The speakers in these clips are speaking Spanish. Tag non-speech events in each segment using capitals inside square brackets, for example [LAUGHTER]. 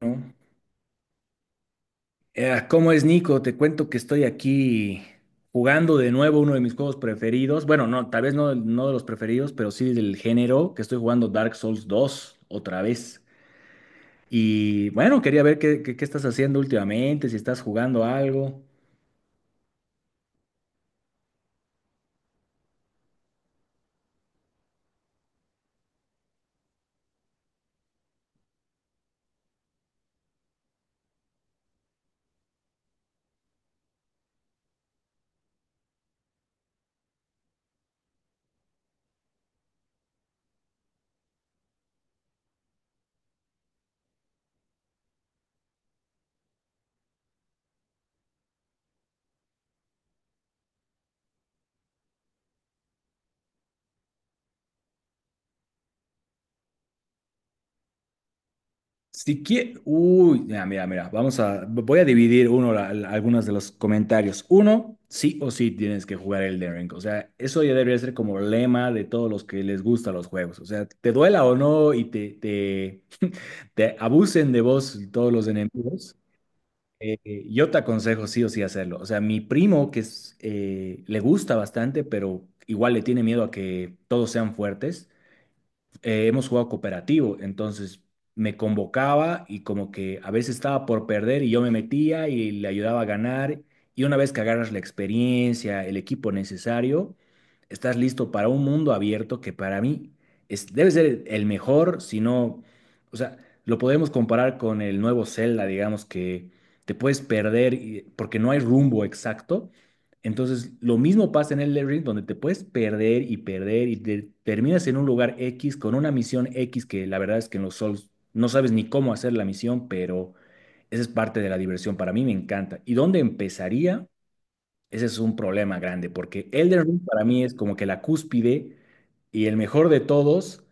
¿No? ¿Cómo es, Nico? Te cuento que estoy aquí jugando de nuevo uno de mis juegos preferidos. Bueno, no, tal vez no de los preferidos, pero sí del género, que estoy jugando Dark Souls 2, otra vez. Y bueno, quería ver qué estás haciendo últimamente, si estás jugando algo. Si quie- Uy, mira, voy a dividir uno algunos de los comentarios. Uno, sí o sí tienes que jugar Elden Ring. O sea, eso ya debería ser como lema de todos los que les gustan los juegos. O sea, te duela o no y te abusen de vos todos los enemigos, eh, yo te aconsejo sí o sí hacerlo. O sea, mi primo que es, le gusta bastante, pero igual le tiene miedo a que todos sean fuertes. Hemos jugado cooperativo, entonces me convocaba y como que a veces estaba por perder y yo me metía y le ayudaba a ganar. Y una vez que agarras la experiencia, el equipo necesario, estás listo para un mundo abierto que para mí es, debe ser el mejor, si no, o sea, lo podemos comparar con el nuevo Zelda, digamos que te puedes porque no hay rumbo exacto, entonces, lo mismo pasa en el Elden Ring, donde te puedes perder y perder y terminas en un lugar X con una misión X que la verdad es que en los Souls no sabes ni cómo hacer la misión, pero esa es parte de la diversión. Para mí me encanta. ¿Y dónde empezaría? Ese es un problema grande, porque Elden Ring para mí es como que la cúspide y el mejor de todos.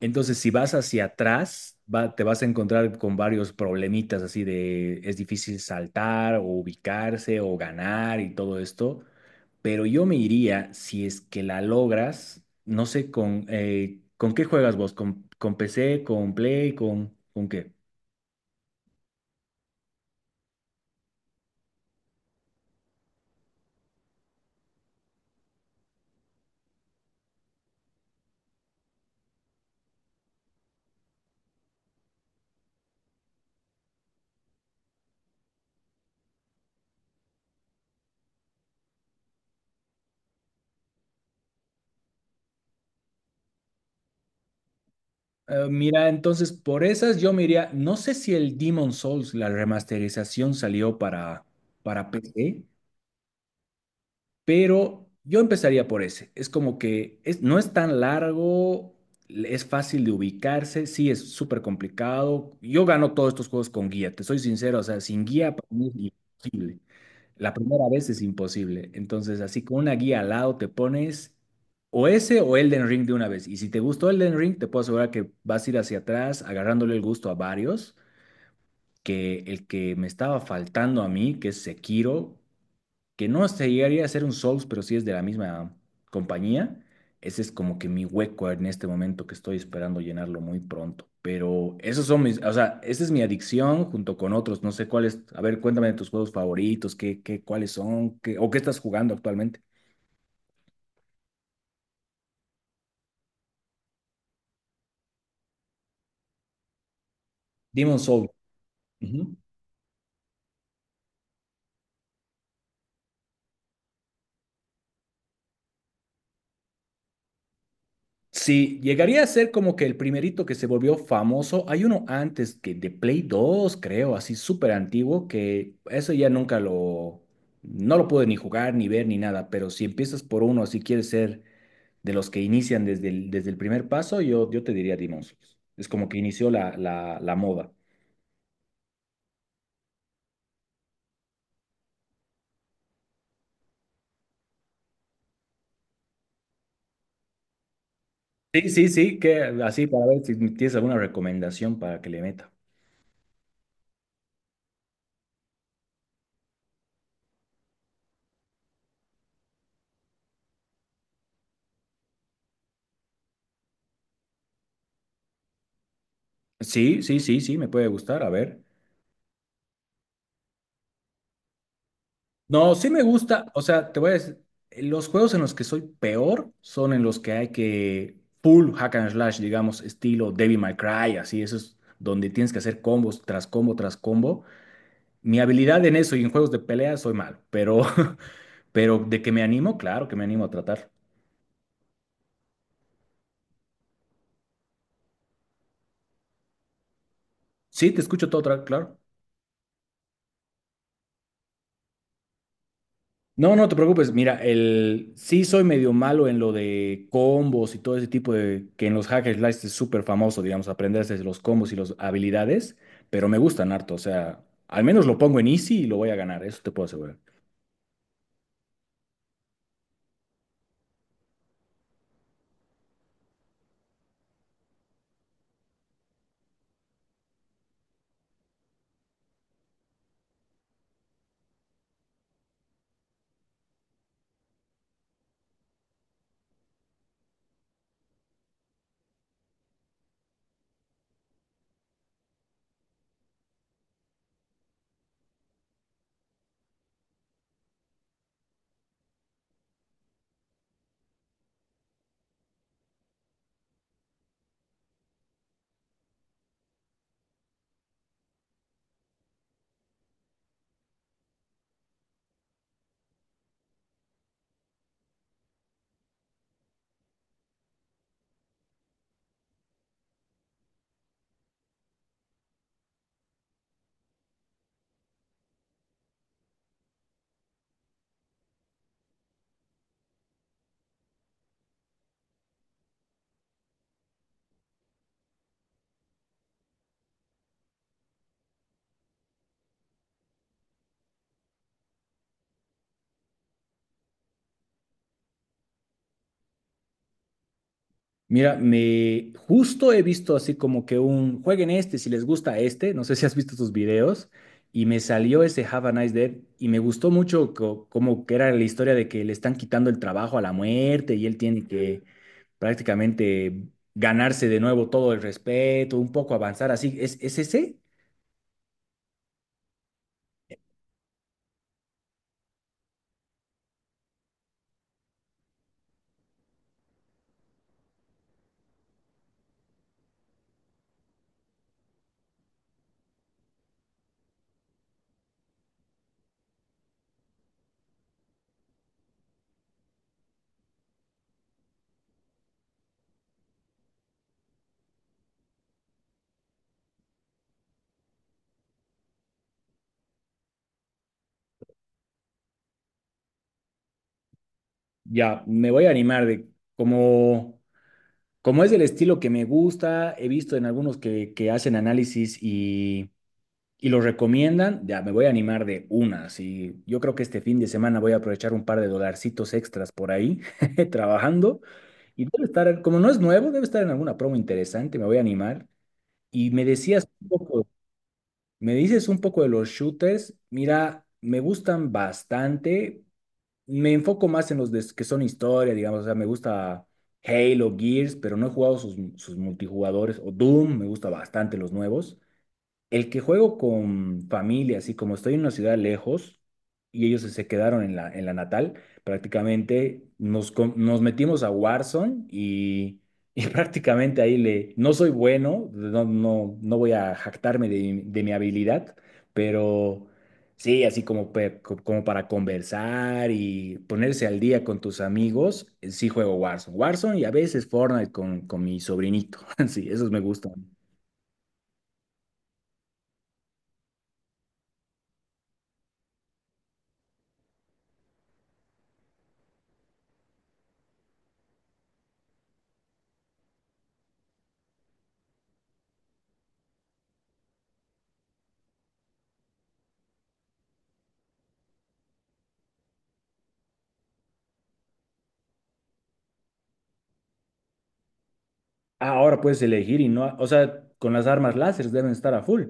Entonces, si vas hacia atrás, te vas a encontrar con varios problemitas así de es difícil saltar o ubicarse o ganar y todo esto, pero yo me iría, si es que la logras, no sé ¿con qué juegas vos? Con PC, con Play, con qué? Mira, entonces por esas yo me iría, no sé si el Demon Souls, la remasterización salió para PC, pero yo empezaría por ese. Es como que es, no es tan largo, es fácil de ubicarse, sí es súper complicado. Yo gano todos estos juegos con guía, te soy sincero, o sea, sin guía para mí es imposible. La primera vez es imposible. Entonces, así con una guía al lado te pones o ese o Elden Ring de una vez. Y si te gustó Elden Ring, te puedo asegurar que vas a ir hacia atrás agarrándole el gusto a varios, que el que me estaba faltando a mí, que es Sekiro, que no se llegaría a ser un Souls, pero sí es de la misma compañía. Ese es como que mi hueco en este momento que estoy esperando llenarlo muy pronto. Pero esos son mis, o sea, esa es mi adicción junto con otros. No sé cuáles, a ver, cuéntame de tus juegos favoritos, cuáles son, qué, o qué estás jugando actualmente. Demon Soul. Ujú. Sí, llegaría a ser como que el primerito que se volvió famoso. Hay uno antes que de Play 2, creo, así súper antiguo, que eso ya nunca no lo pude ni jugar, ni ver, ni nada. Pero si empiezas por uno, si quieres ser de los que inician desde desde el primer paso, yo te diría Demon Souls. Es como que inició la moda. Sí, que así para ver si tienes alguna recomendación para que le meta. Sí, me puede gustar, a ver. No, sí me gusta, o sea, te voy a decir, los juegos en los que soy peor son en los que hay que full hack and slash, digamos, estilo Devil May Cry, así, eso es donde tienes que hacer combos tras combo tras combo. Mi habilidad en eso y en juegos de pelea soy malo, pero, [LAUGHS] pero de que me animo, claro que me animo a tratar. Sí, te escucho todo, claro. No, no te preocupes. Mira, el sí soy medio malo en lo de combos y todo ese tipo de que en los hack and slash es súper famoso, digamos, aprenderse los combos y las habilidades, pero me gustan harto. O sea, al menos lo pongo en easy y lo voy a ganar, eso te puedo asegurar. Mira, me justo he visto así como que un jueguen este si les gusta este. No sé si has visto tus videos. Y me salió ese Have a Nice Day y me gustó mucho como que era la historia de que le están quitando el trabajo a la muerte y él tiene que prácticamente ganarse de nuevo todo el respeto, un poco avanzar así. Es ese? Ya, me voy a animar de como, como es el estilo que me gusta. He visto en algunos que hacen análisis y. y lo recomiendan, ya me voy a animar de una. Sí, yo creo que este fin de semana voy a aprovechar un par de dolarcitos extras por ahí [LAUGHS] trabajando y debe estar, como no es nuevo, debe estar en alguna promo interesante, me voy a animar. Y me decías un poco, me dices un poco de los shooters. Mira, me gustan bastante. Me enfoco más en los que son historia, digamos, o sea, me gusta Halo, Gears, pero no he jugado sus multijugadores o Doom, me gusta bastante los nuevos. El que juego con familia, así como estoy en una ciudad lejos y ellos se quedaron en en la natal, prácticamente nos metimos a Warzone y [LAUGHS] prácticamente ahí le... No soy bueno, no voy a jactarme de, mi habilidad, pero sí, así como, como para conversar y ponerse al día con tus amigos, sí juego Warzone. Warzone y a veces Fortnite con mi sobrinito. [LAUGHS] Sí, esos me gustan. Ah, ahora puedes elegir y no, o sea, con las armas láseres deben estar a full.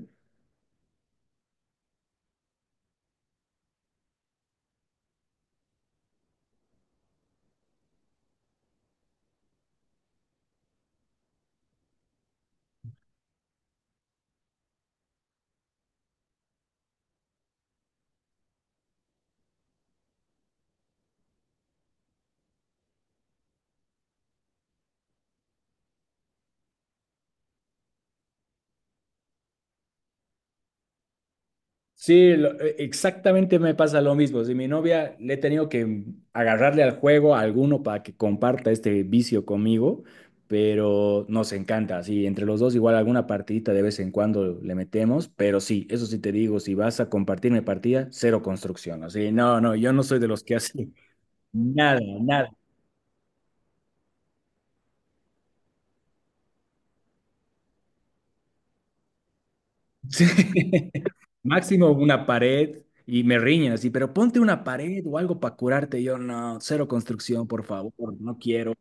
Sí, exactamente me pasa lo mismo. Si mi novia le he tenido que agarrarle al juego a alguno para que comparta este vicio conmigo, pero nos encanta. Sí, entre los dos igual alguna partidita de vez en cuando le metemos, pero sí, eso sí te digo, si vas a compartirme partida, cero construcción. Así, no, no, yo no soy de los que hace nada, nada. Sí. [LAUGHS] Máximo una pared y me riñen así, pero ponte una pared o algo para curarte. Yo no, cero construcción, por favor, no quiero.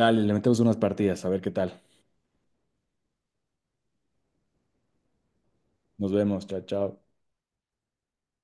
Dale, le metemos unas partidas, a ver qué tal. Nos vemos, chao, chao.